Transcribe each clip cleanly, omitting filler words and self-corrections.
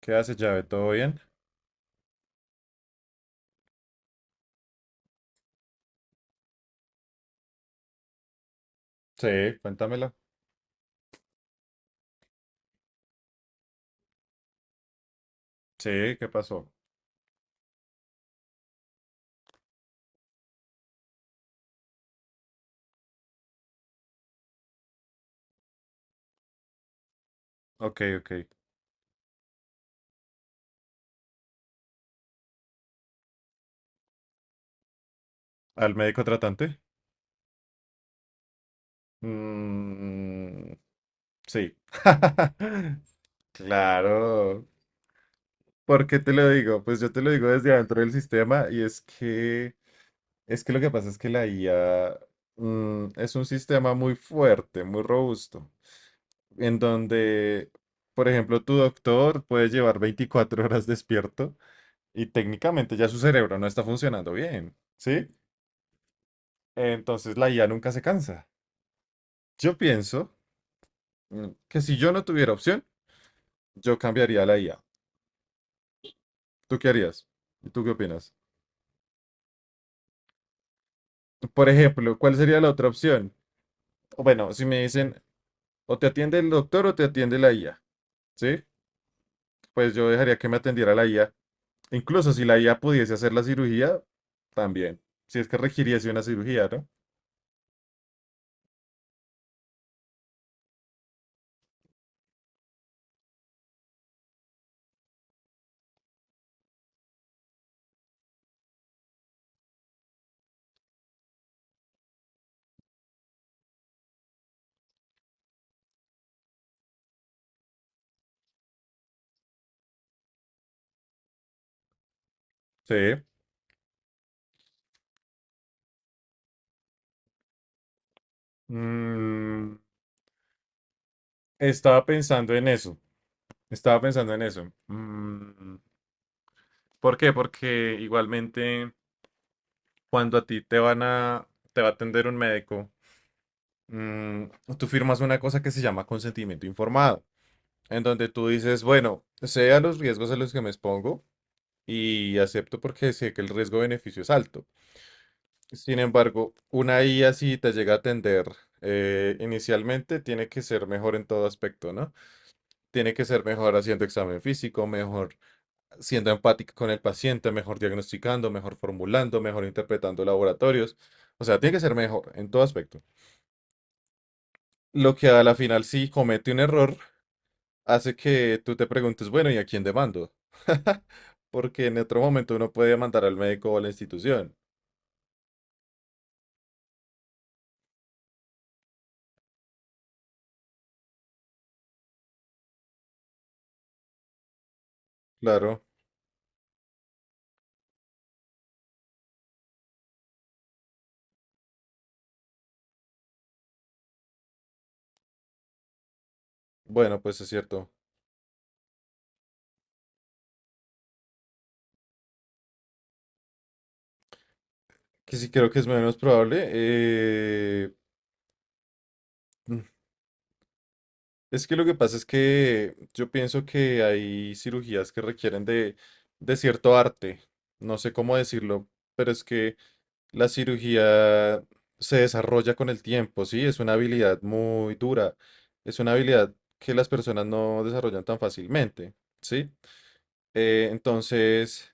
¿Qué haces, llave? ¿Todo bien? Sí, cuéntamelo. Sí, ¿qué pasó? Ok, ok. ¿Al médico tratante? Mm, sí. Claro. ¿Por qué te lo digo? Pues yo te lo digo desde adentro del sistema y es que lo que pasa es que la IA es un sistema muy fuerte, muy robusto, en donde, por ejemplo, tu doctor puede llevar 24 horas despierto y técnicamente ya su cerebro no está funcionando bien, ¿sí? Entonces la IA nunca se cansa. Yo pienso que si yo no tuviera opción, yo cambiaría la IA. ¿Tú qué harías? ¿Y tú qué opinas? Por ejemplo, ¿cuál sería la otra opción? O bueno, si me dicen o te atiende el doctor o te atiende la IA, ¿sí? Pues yo dejaría que me atendiera la IA. Incluso si la IA pudiese hacer la cirugía, también. Si es que requiriese una cirugía, ¿no? Sí. Mm, Estaba pensando en eso. Estaba pensando en eso. ¿Por qué? Porque igualmente cuando a ti te va a atender un médico, mm, tú firmas una cosa que se llama consentimiento informado, en donde tú dices, bueno, sé a los riesgos a los que me expongo y acepto porque sé que el riesgo-beneficio es alto. Sin embargo, una IA si te llega a atender inicialmente, tiene que ser mejor en todo aspecto, ¿no? Tiene que ser mejor haciendo examen físico, mejor siendo empática con el paciente, mejor diagnosticando, mejor formulando, mejor interpretando laboratorios. O sea, tiene que ser mejor en todo aspecto. Lo que a la final, si comete un error, hace que tú te preguntes, bueno, ¿y a quién demando? Porque en otro momento uno puede mandar al médico o a la institución. Claro, bueno, pues es cierto. Que sí creo que es menos probable. Es que lo que pasa es que yo pienso que hay cirugías que requieren de cierto arte. No sé cómo decirlo, pero es que la cirugía se desarrolla con el tiempo, ¿sí? Es una habilidad muy dura. Es una habilidad que las personas no desarrollan tan fácilmente, ¿sí? Entonces,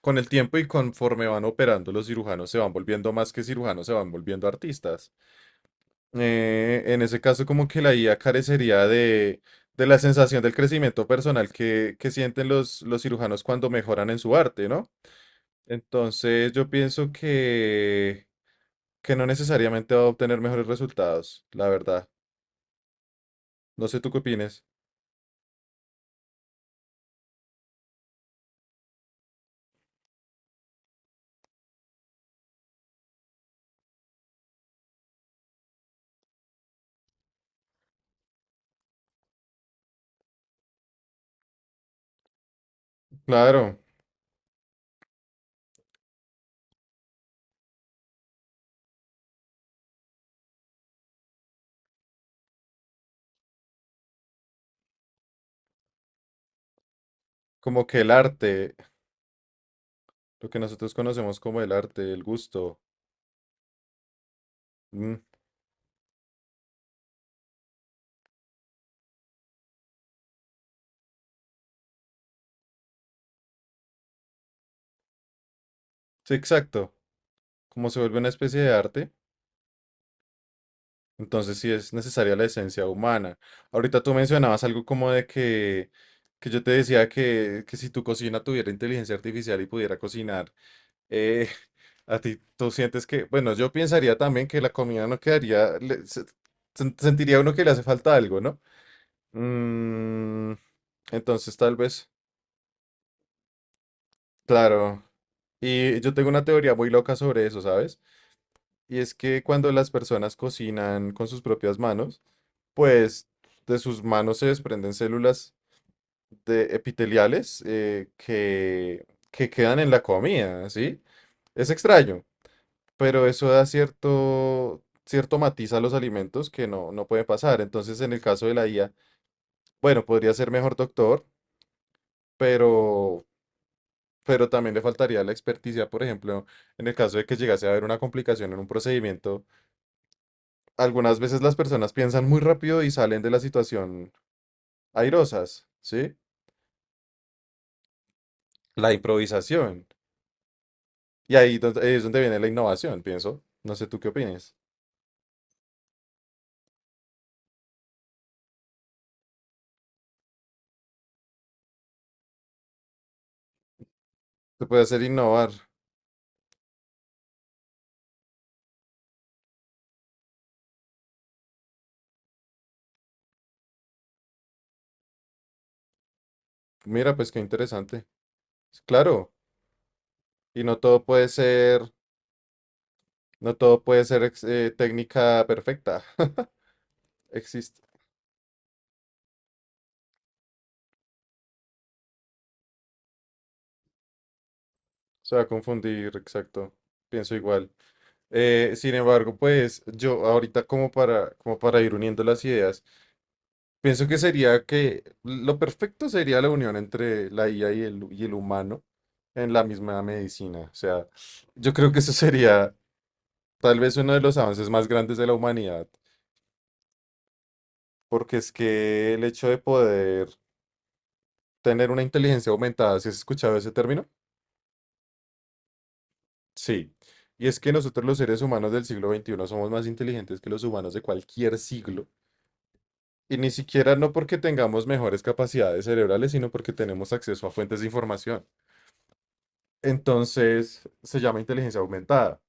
con el tiempo y conforme van operando los cirujanos se van volviendo más que cirujanos, se van volviendo artistas. En ese caso, como que la IA carecería de la sensación del crecimiento personal que sienten los cirujanos cuando mejoran en su arte, ¿no? Entonces, yo pienso que no necesariamente va a obtener mejores resultados, la verdad. No sé tú qué opines. Claro, como que el arte, lo que nosotros conocemos como el arte, el gusto. Mm, sí, exacto. Como se vuelve una especie de arte. Entonces sí es necesaria la esencia humana. Ahorita tú mencionabas algo como de que yo te decía que si tu cocina tuviera inteligencia artificial y pudiera cocinar, eh, a ti tú sientes que, bueno, yo pensaría también que la comida no quedaría, sentiría uno que le hace falta algo, ¿no? Mm, entonces tal vez, claro. Y yo tengo una teoría muy loca sobre eso, ¿sabes? Y es que cuando las personas cocinan con sus propias manos, pues de sus manos se desprenden células de epiteliales que quedan en la comida, ¿sí? Es extraño, pero eso da cierto matiz a los alimentos que no, no puede pasar. Entonces, en el caso de la IA, bueno, podría ser mejor doctor, pero, pero también le faltaría la experticia, por ejemplo, en el caso de que llegase a haber una complicación en un procedimiento. Algunas veces las personas piensan muy rápido y salen de la situación airosas, ¿sí? La improvisación. Y ahí es donde viene la innovación, pienso. No sé tú qué opinas. Se puede hacer innovar. Mira, pues qué interesante. Claro, y no todo puede ser técnica perfecta. Existe. Se va a confundir, exacto. Pienso igual. Sin embargo, pues yo ahorita como para ir uniendo las ideas, pienso que sería que lo perfecto sería la unión entre la IA y el humano en la misma medicina. O sea, yo creo que eso sería tal vez uno de los avances más grandes de la humanidad, porque es que el hecho de poder tener una inteligencia aumentada, ¿sí has escuchado ese término? Sí. Y es que nosotros los seres humanos del siglo XXI somos más inteligentes que los humanos de cualquier siglo. Y ni siquiera no porque tengamos mejores capacidades cerebrales, sino porque tenemos acceso a fuentes de información. Entonces, se llama inteligencia aumentada.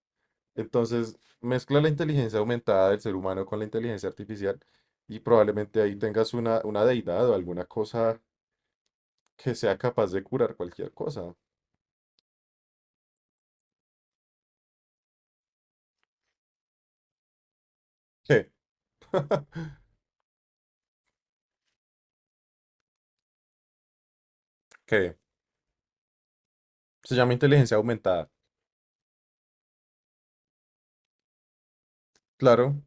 Entonces, mezcla la inteligencia aumentada del ser humano con la inteligencia artificial y probablemente ahí tengas una deidad o alguna cosa que sea capaz de curar cualquier cosa. ¿Qué? ¿Qué? Se llama inteligencia aumentada. Claro.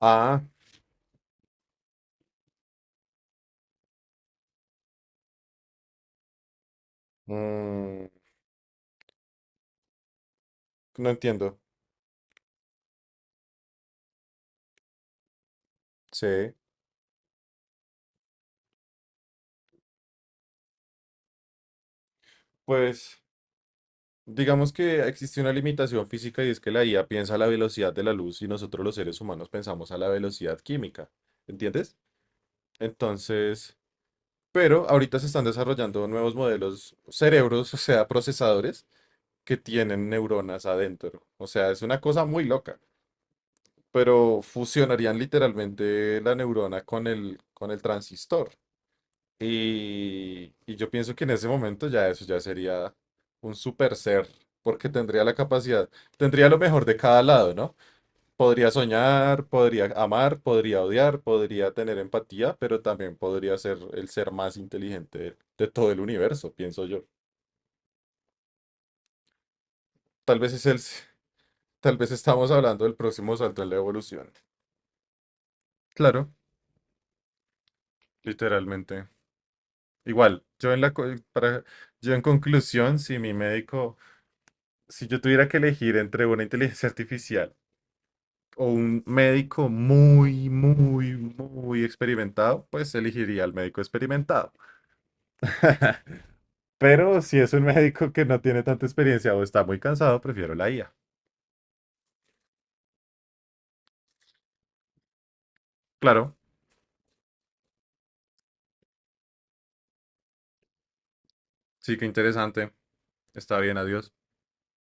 Ah, mm, no entiendo. Sí. Pues digamos que existe una limitación física y es que la IA piensa a la velocidad de la luz y nosotros los seres humanos pensamos a la velocidad química. ¿Entiendes? Entonces, pero ahorita se están desarrollando nuevos modelos cerebros, o sea, procesadores que tienen neuronas adentro. O sea, es una cosa muy loca. Pero fusionarían literalmente la neurona con el transistor. Y yo pienso que en ese momento ya eso ya sería un super ser, porque tendría la capacidad, tendría lo mejor de cada lado, ¿no? Podría soñar, podría amar, podría odiar, podría tener empatía, pero también podría ser el ser más inteligente de todo el universo, pienso yo. Tal vez es el, tal vez estamos hablando del próximo salto en la evolución. Claro, literalmente. Igual, yo en la, co- para, yo en conclusión, si yo tuviera que elegir entre una inteligencia artificial o un médico muy, muy, muy experimentado, pues elegiría al médico experimentado. Pero si es un médico que no tiene tanta experiencia o está muy cansado, prefiero la IA. Claro, sí que interesante. Está bien, adiós.